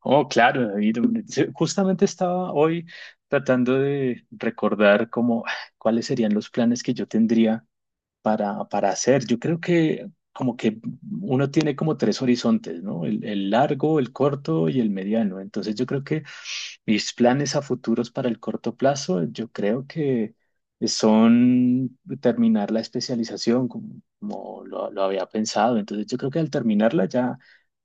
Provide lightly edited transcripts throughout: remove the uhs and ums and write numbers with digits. Oh, claro, David. Justamente estaba hoy tratando de recordar cómo, cuáles serían los planes que yo tendría para hacer. Yo creo que como que uno tiene como tres horizontes, ¿no? El largo, el corto y el mediano. Entonces yo creo que mis planes a futuros para el corto plazo, yo creo que son terminar la especialización como lo había pensado. Entonces yo creo que al terminarla ya,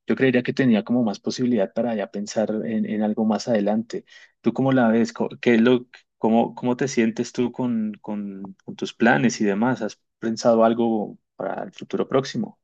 yo creería que tenía como más posibilidad para ya pensar en algo más adelante. ¿Tú cómo la ves? ¿Qué es ¿Cómo, cómo te sientes tú con tus planes y demás? ¿Has pensado algo para el futuro próximo?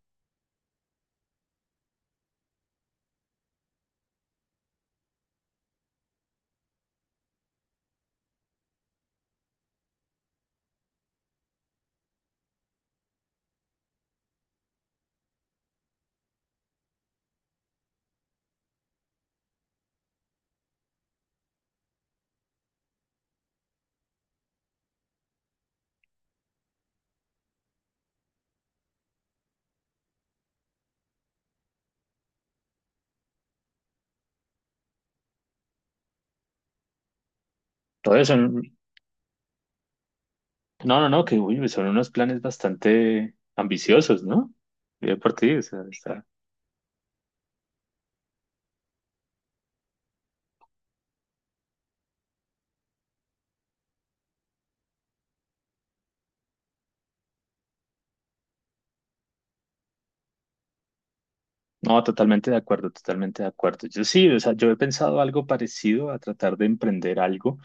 Todo eso, no, no, no, que uy, son unos planes bastante ambiciosos, ¿no? Bien por ti, o sea, está- No, totalmente de acuerdo, totalmente de acuerdo. Yo sí, o sea, yo he pensado algo parecido a tratar de emprender algo.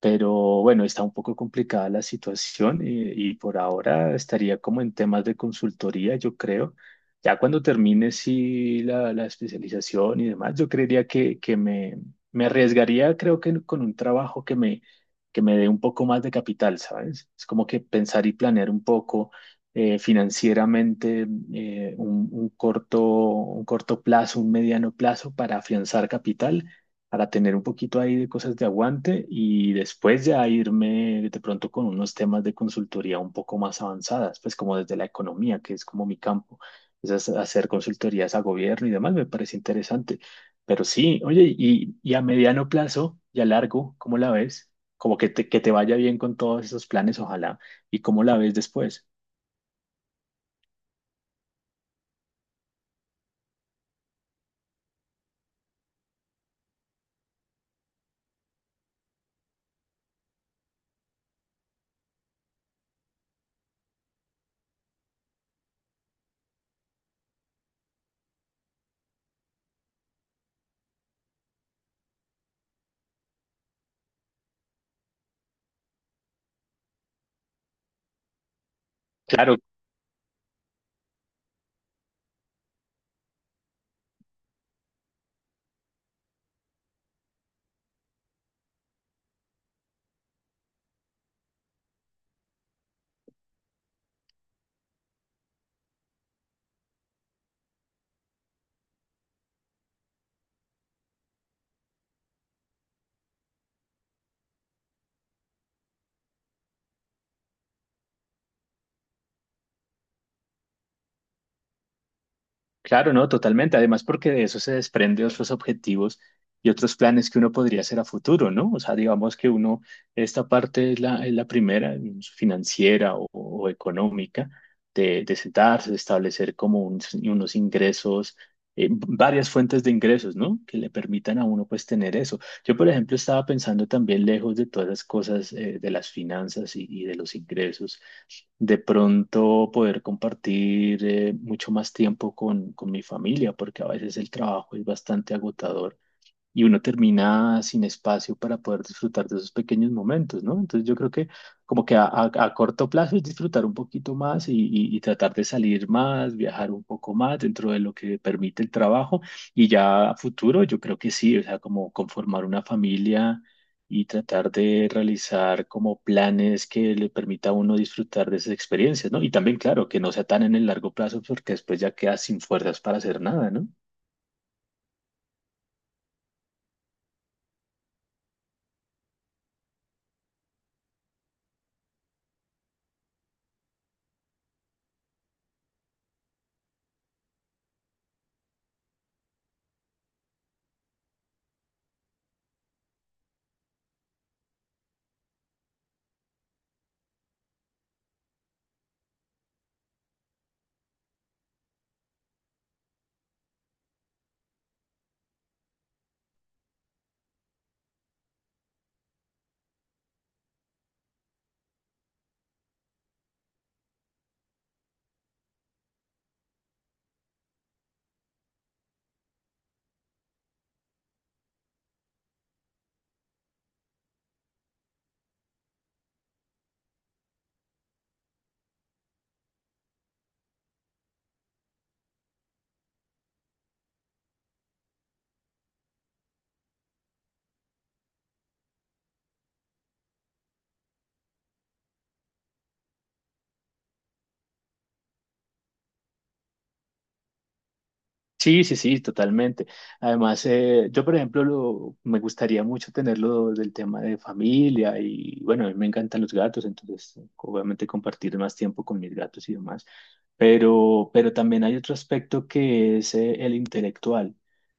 Pero bueno, está un poco complicada la situación y por ahora estaría como en temas de consultoría, yo creo. Ya cuando termine sí, la especialización y demás, yo creería que me arriesgaría, creo que con un trabajo que me dé un poco más de capital, ¿sabes? Es como que pensar y planear un poco financieramente un corto, un corto plazo, un mediano plazo para afianzar capital para tener un poquito ahí de cosas de aguante y después ya irme de pronto con unos temas de consultoría un poco más avanzadas, pues como desde la economía, que es como mi campo, esas hacer consultorías a gobierno y demás, me parece interesante. Pero sí, oye, y a mediano plazo y a largo, ¿cómo la ves? Como que que te vaya bien con todos esos planes, ojalá. ¿Y cómo la ves después? Claro. Claro, no, totalmente. Además, porque de eso se desprende otros objetivos y otros planes que uno podría hacer a futuro, ¿no? O sea, digamos que uno, esta parte es es la primera, financiera o económica, de sentarse, de establecer como un- unos ingresos, varias fuentes de ingresos, ¿no? Que le permitan a uno, pues, tener eso. Yo, por ejemplo, estaba pensando también lejos de todas las cosas, de las finanzas y de los ingresos de pronto poder compartir mucho más tiempo con mi familia, porque a veces el trabajo es bastante agotador y uno termina sin espacio para poder disfrutar de esos pequeños momentos, ¿no? Entonces yo creo que como que a corto plazo es disfrutar un poquito más y tratar de salir más, viajar un poco más dentro de lo que permite el trabajo y ya a futuro yo creo que sí, o sea, como conformar una familia y tratar de realizar como planes que le permita a uno disfrutar de esas experiencias, ¿no? Y también, claro, que no sea tan en el largo plazo porque después ya queda sin fuerzas para hacer nada, ¿no? Sí, sí, sí, totalmente. Además, yo, por ejemplo, me gustaría mucho tenerlo del tema de familia y bueno, a mí me encantan los gatos, entonces obviamente compartir más tiempo con mis gatos y demás. Pero también hay otro aspecto que es el intelectual.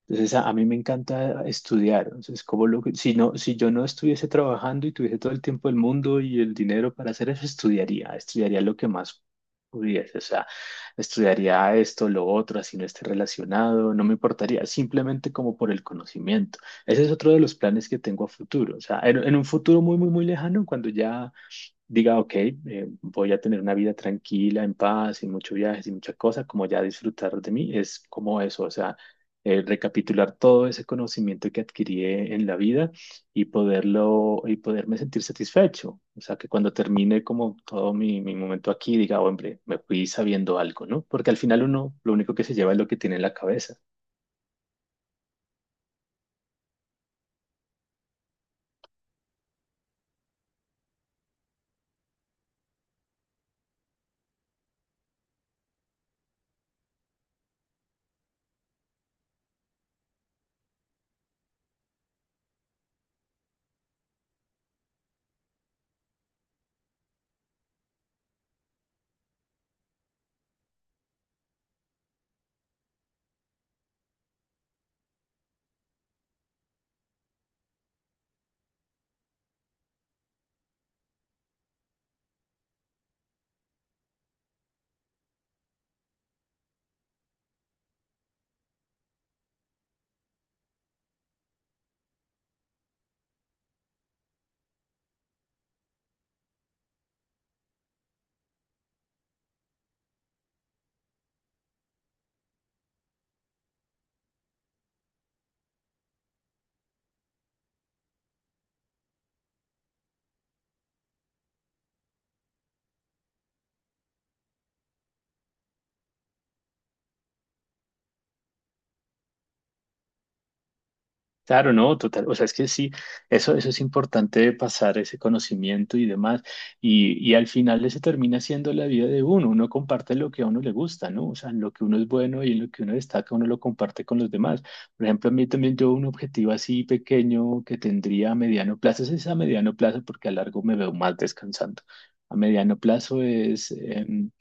Entonces, a mí me encanta estudiar. Entonces, como que- si no, si yo no estuviese trabajando y tuviese todo el tiempo del mundo y el dinero para hacer eso, estudiaría, estudiaría lo que más pudiese. O sea, estudiaría esto, lo otro, así no esté relacionado, no me importaría, simplemente como por el conocimiento. Ese es otro de los planes que tengo a futuro. O sea, en un futuro muy, muy, muy lejano, cuando ya diga, ok, voy a tener una vida tranquila, en paz, sin mucho viaje, sin mucha cosa, como ya disfrutar de mí, es como eso, o sea, recapitular todo ese conocimiento que adquirí en la vida y poderlo, y poderme sentir satisfecho, o sea, que cuando termine como todo mi momento aquí, diga, hombre, me fui sabiendo algo, ¿no? Porque al final uno, lo único que se lleva es lo que tiene en la cabeza. Claro, no, total. O sea, es que sí, eso es importante pasar ese conocimiento y demás. Y al final eso termina siendo la vida de uno. Uno comparte lo que a uno le gusta, ¿no? O sea, en lo que uno es bueno y en lo que uno destaca, uno lo comparte con los demás. Por ejemplo, a mí también yo un objetivo así pequeño que tendría a mediano plazo, ese es a mediano plazo porque a largo me veo más descansando. A mediano plazo es...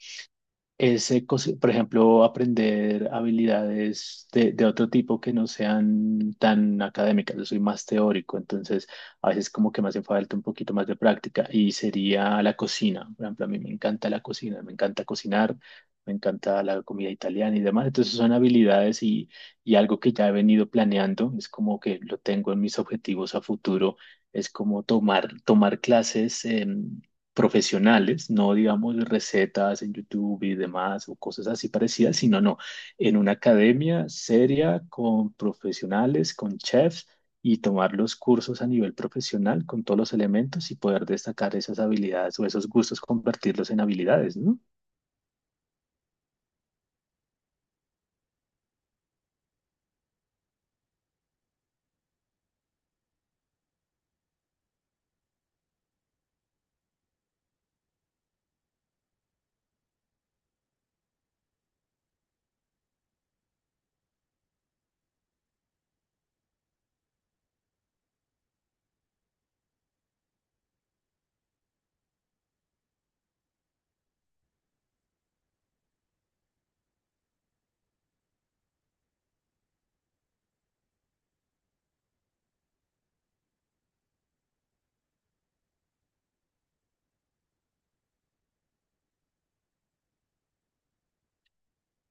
por ejemplo, aprender habilidades de otro tipo que no sean tan académicas. Yo soy más teórico, entonces a veces como que me hace falta un poquito más de práctica y sería la cocina. Por ejemplo, a mí me encanta la cocina, me encanta cocinar, me encanta la comida italiana y demás. Entonces son habilidades y algo que ya he venido planeando, es como que lo tengo en mis objetivos a futuro, es como tomar clases. Profesionales, no digamos recetas en YouTube y demás o cosas así parecidas, sino no, en una academia seria con profesionales, con chefs y tomar los cursos a nivel profesional con todos los elementos y poder destacar esas habilidades o esos gustos, convertirlos en habilidades, ¿no?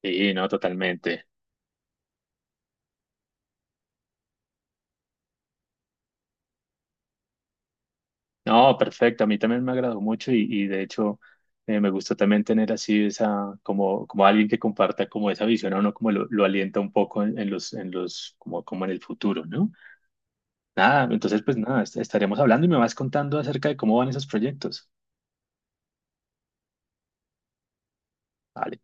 Sí, no, totalmente. No, perfecto. A mí también me agradó mucho y de hecho me gusta también tener así esa, como, como alguien que comparta como esa visión a uno, como lo alienta un poco en los, como, como en el futuro, ¿no? Nada, entonces pues nada, est- estaremos hablando y me vas contando acerca de cómo van esos proyectos. Vale.